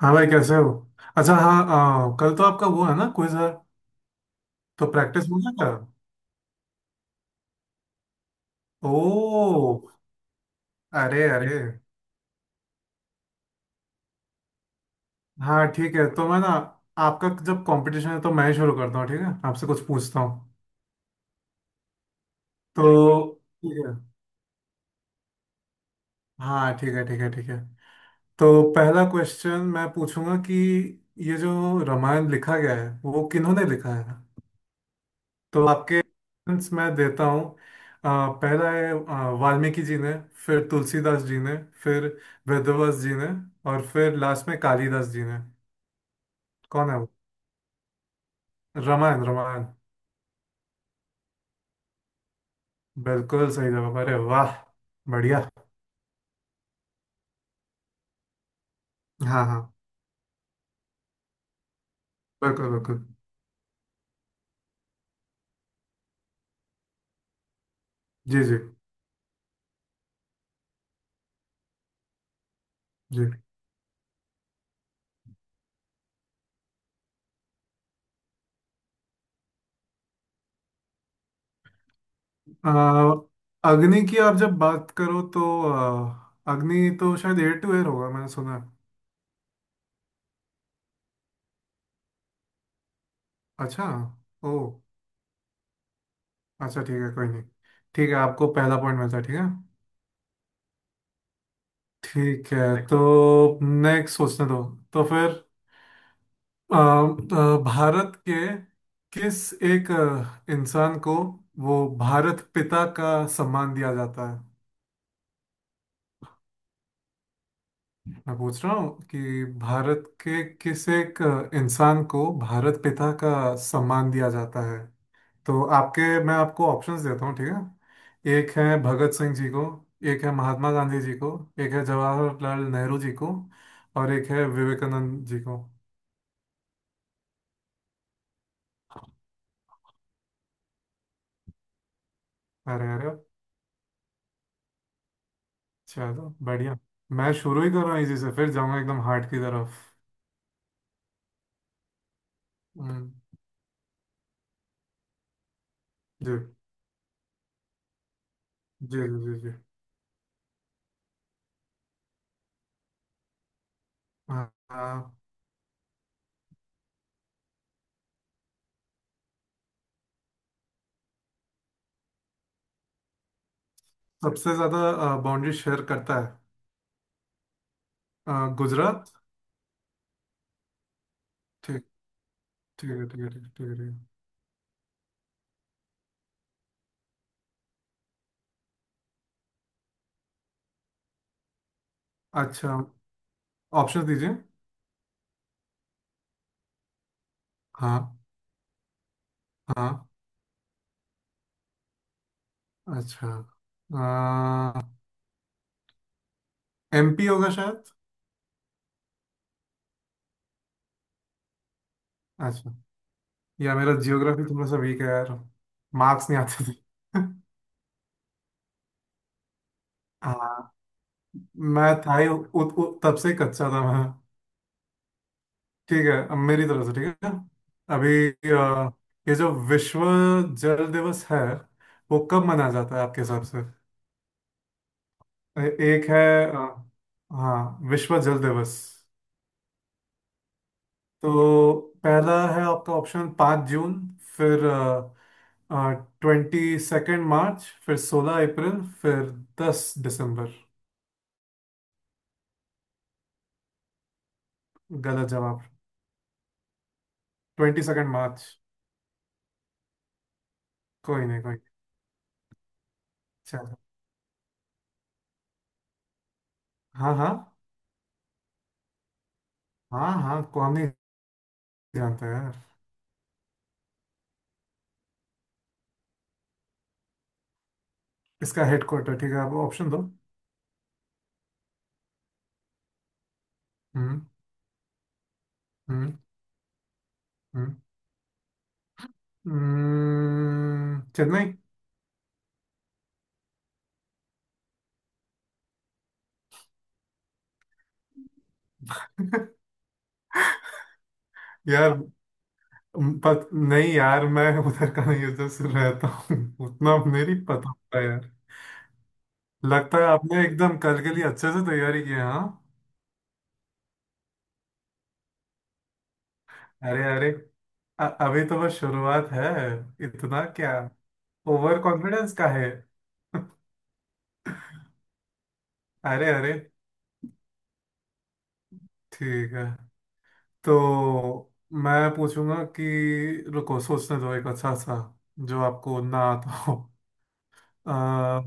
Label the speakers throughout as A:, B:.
A: हाँ भाई, कैसे हो? अच्छा। हाँ, कल तो आपका वो है ना, क्विज है? तो प्रैक्टिस हो गया क्या? ओ। अरे अरे। हाँ ठीक है, तो मैं ना आपका जब कंपटीशन है तो मैं ही शुरू करता हूँ, ठीक है? आपसे कुछ पूछता हूँ। तो ठीक है। हाँ ठीक है, ठीक है, ठीक है। तो पहला क्वेश्चन मैं पूछूंगा कि ये जो रामायण लिखा गया है वो किन्होंने लिखा है? तो आपके options मैं देता हूँ। पहला है वाल्मीकि जी ने, फिर तुलसीदास जी ने, फिर वेदव्यास जी ने, और फिर लास्ट में कालिदास जी ने। कौन है वो? रामायण, रामायण। बिल्कुल सही जवाब, अरे वाह, बढ़िया। हाँ हाँ। बिल्कुल बिल्कुल। जी जी। जी, अ, अग्नि की आप जब बात करो तो, अग्नि तो शायद एयर टू एयर होगा, मैंने सुना है। अच्छा। ओ। अच्छा ठीक है, कोई नहीं। ठीक है, आपको पहला पॉइंट मिलता है, ठीक है। ठीक है। तो नेक्स्ट सोचने दो। तो फिर भारत के किस एक इंसान को वो भारत पिता का सम्मान दिया जाता है? मैं पूछ रहा हूँ कि भारत के किस एक इंसान को भारत पिता का सम्मान दिया जाता है? तो आपके, मैं आपको ऑप्शंस देता हूँ, ठीक है? एक है भगत सिंह जी को, एक है महात्मा गांधी जी को, एक है जवाहरलाल नेहरू जी को, और एक है विवेकानंद जी को। अरे अरे। चलो, बढ़िया। मैं शुरू ही कर रहा हूँ, इसी से फिर जाऊंगा एकदम हार्ड की तरफ। हम्म, जी जी जी जी। जी। हाँ हाँ। सबसे ज्यादा बाउंड्री शेयर करता है, अ, गुजरात। ठीक। ठीक है, ठीक है, ठीक है, ठीक है, ठीक है। अच्छा। ऑप्शन दीजिए। हाँ हाँ। अच्छा, एमपी होगा शायद। अच्छा। या मेरा जियोग्राफी थोड़ा सा वीक है यार, मार्क्स नहीं आते थे। हाँ, मैं था ही उ, उ, तब से ही कच्चा था मैं। ठीक है, अब मेरी तरफ से। ठीक है। अभी ये जो विश्व जल दिवस है वो कब मनाया जाता है आपके हिसाब से? एक है, अ, हाँ, विश्व जल दिवस। तो पहला है आपका ऑप्शन 5 जून, फिर 22 मार्च, फिर 16 अप्रैल, फिर 10 दिसंबर। गलत जवाब, 22 मार्च। कोई नहीं, कोई नहीं। चलो। हाँ हाँ हाँ। हाँ को हम नहीं जानते यार। इसका हेडक्वार्टर, ठीक है आप ऑप्शन दो। हम्म। हम्म। हम्म। चेन्नई। यार नहीं यार, मैं उधर का नहीं, उधर से रहता हूँ। उतना मेरी पता होता है यार। लगता है आपने एकदम कल के लिए अच्छे से तैयारी की है, हाँ। अरे अरे। अभी तो बस शुरुआत है, इतना क्या ओवर कॉन्फिडेंस का है। अरे अरे। ठीक है, तो मैं पूछूंगा कि, रुको सोचने दो एक अच्छा सा जो आपको ना आता हो। अ,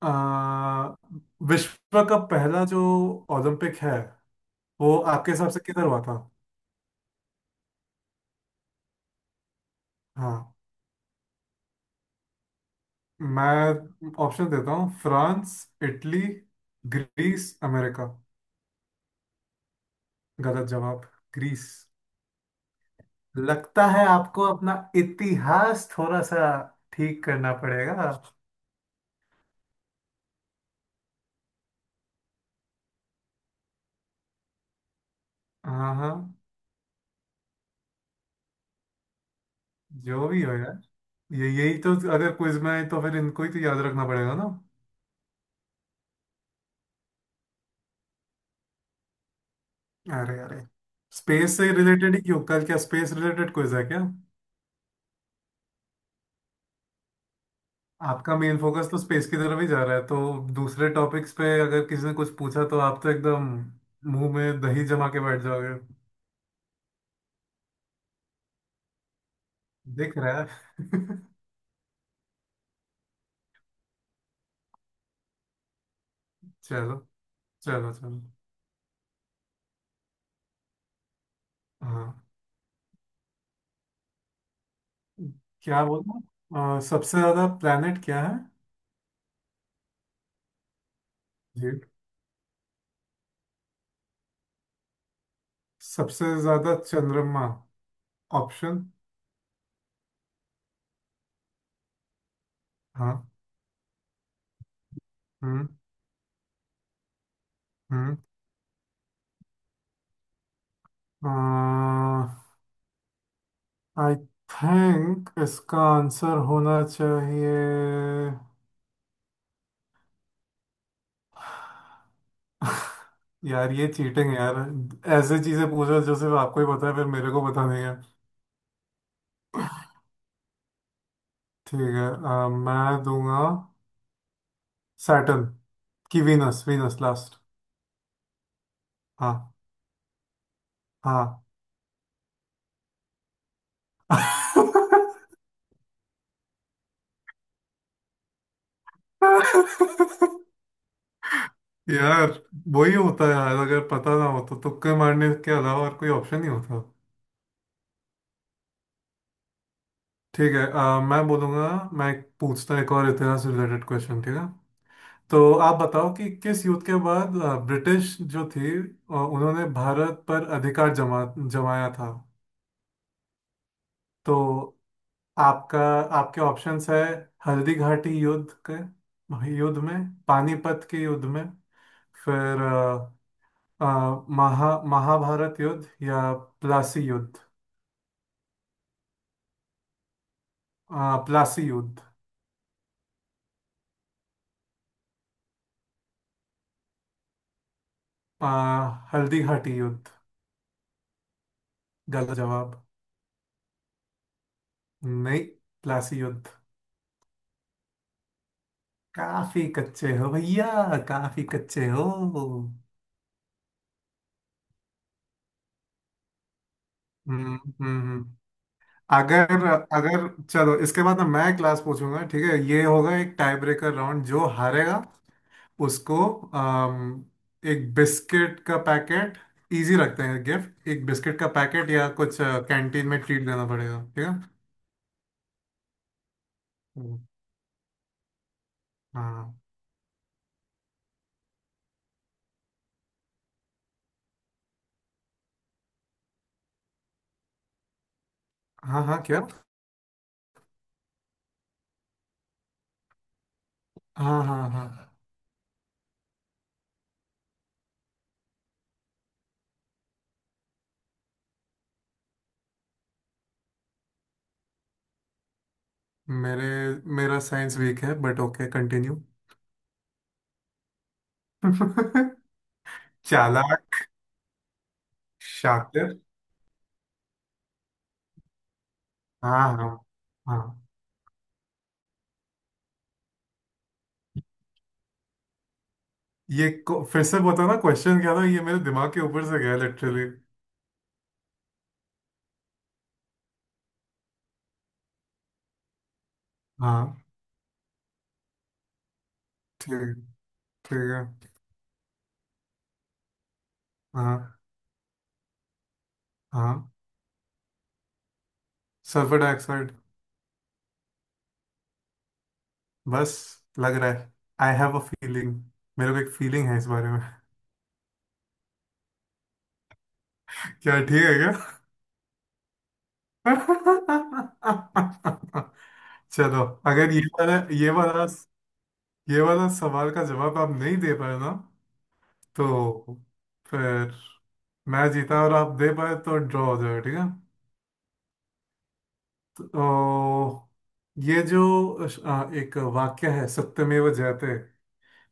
A: अ, विश्व का पहला जो ओलंपिक है वो आपके हिसाब से किधर हुआ था? हाँ, मैं ऑप्शन देता हूँ, फ्रांस, इटली, ग्रीस, अमेरिका। गलत जवाब, ग्रीस। लगता है आपको अपना इतिहास थोड़ा सा ठीक करना पड़ेगा। हाँ हाँ। जो भी हो यार, ये यही तो, अगर क्विज में है तो फिर इनको ही तो याद रखना पड़ेगा ना। अरे अरे। स्पेस से रिलेटेड ही क्यों? कल क्या स्पेस रिलेटेड क्विज है क्या? आपका मेन फोकस तो स्पेस की तरफ ही जा रहा है, तो दूसरे टॉपिक्स पे अगर किसी ने कुछ पूछा तो आप तो एकदम मुंह में दही जमा के बैठ जाओगे। दिख रहा है। चलो चलो चलो। हाँ, क्या बोलना, सबसे ज्यादा प्लेनेट क्या है? जी। सबसे ज्यादा चंद्रमा? ऑप्शन? हाँ। हम्म हम्म। आई थिंक इसका आंसर होना चाहिए। यार ये चीटिंग है यार, ऐसे चीजें पूछ रहे हो जो सिर्फ आपको ही पता है, फिर मेरे को पता नहीं है। ठीक है, मैं दूंगा सैटर्न, की वीनस, वीनस लास्ट। हाँ हाँ। यार वही होता है यार, अगर पता ना हो तो तुक्के मारने के अलावा और कोई ऑप्शन नहीं होता। ठीक है, मैं बोलूंगा, मैं एक पूछता हूं, एक और इतिहास रिलेटेड क्वेश्चन, ठीक है? तो आप बताओ कि किस युद्ध के बाद ब्रिटिश जो थी उन्होंने भारत पर अधिकार जमाया था? तो आपका आपके ऑप्शंस है, हल्दी घाटी युद्ध के युद्ध में, पानीपत के युद्ध में, फिर अ, महाभारत युद्ध, या प्लासी युद्ध। प्लासी युद्ध? अ, हल्दी घाटी युद्ध? गलत जवाब। नहीं, प्लासी युद्ध। काफी कच्चे हो भैया, काफी कच्चे हो। हम्म हम्म हम्म। अगर अगर चलो इसके बाद ना, मैं क्लास पूछूंगा, ठीक है? ये होगा एक टाई ब्रेकर राउंड। जो हारेगा उसको अम, एक बिस्किट का पैकेट, इजी रखते हैं गिफ्ट, एक बिस्किट का पैकेट या कुछ कैंटीन में ट्रीट देना पड़ेगा, ठीक है। हम्म, हाँ। हाँ। हाँ, क्या? हाँ हाँ हाँ। मेरे मेरा साइंस वीक है बट ओके, कंटिन्यू। चालाक। शातिर। हाँ हाँ। हाँ, फिर से बताना क्वेश्चन क्या था, ये मेरे दिमाग के ऊपर से गया लिटरली। हाँ ठीक है, ठीक है। हाँ हाँ। Sulphur dioxide. बस, लग रहा है। आई हैव अ फीलिंग, मेरे को एक फीलिंग है इस बारे में। क्या ठीक है क्या? चलो, अगर ये वाला सवाल का जवाब आप नहीं दे पाए ना, तो फिर मैं जीता, और आप दे पाए तो ड्रॉ हो जाएगा, ठीक है। तो ये जो एक वाक्य है सत्यमेव जयते,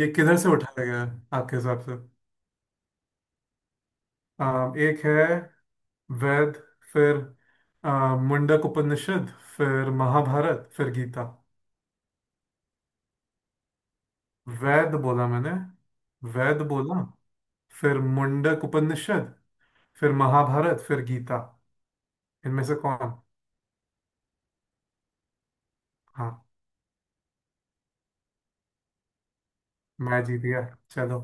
A: ये किधर से उठाया गया है आपके हिसाब से? एक है वेद, फिर अ, मुंडक उपनिषद, फिर महाभारत, फिर गीता। वेद बोला मैंने, वेद बोला। फिर मुंडक उपनिषद, फिर महाभारत, फिर गीता। इनमें से कौन? हाँ, मैं जीत गया। चलो।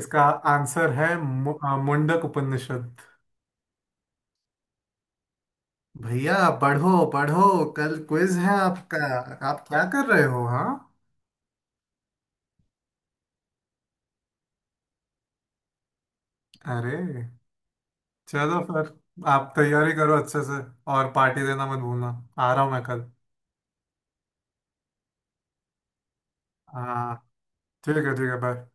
A: इसका आंसर है मुंडक उपनिषद। भैया पढ़ो पढ़ो, कल क्विज है आपका। आप क्या कर रहे हो हाँ? अरे, चलो फिर, आप तैयारी करो अच्छे से और पार्टी देना मत भूलना। आ रहा हूँ मैं कल। हाँ, ठीक है, ठीक है, बाय।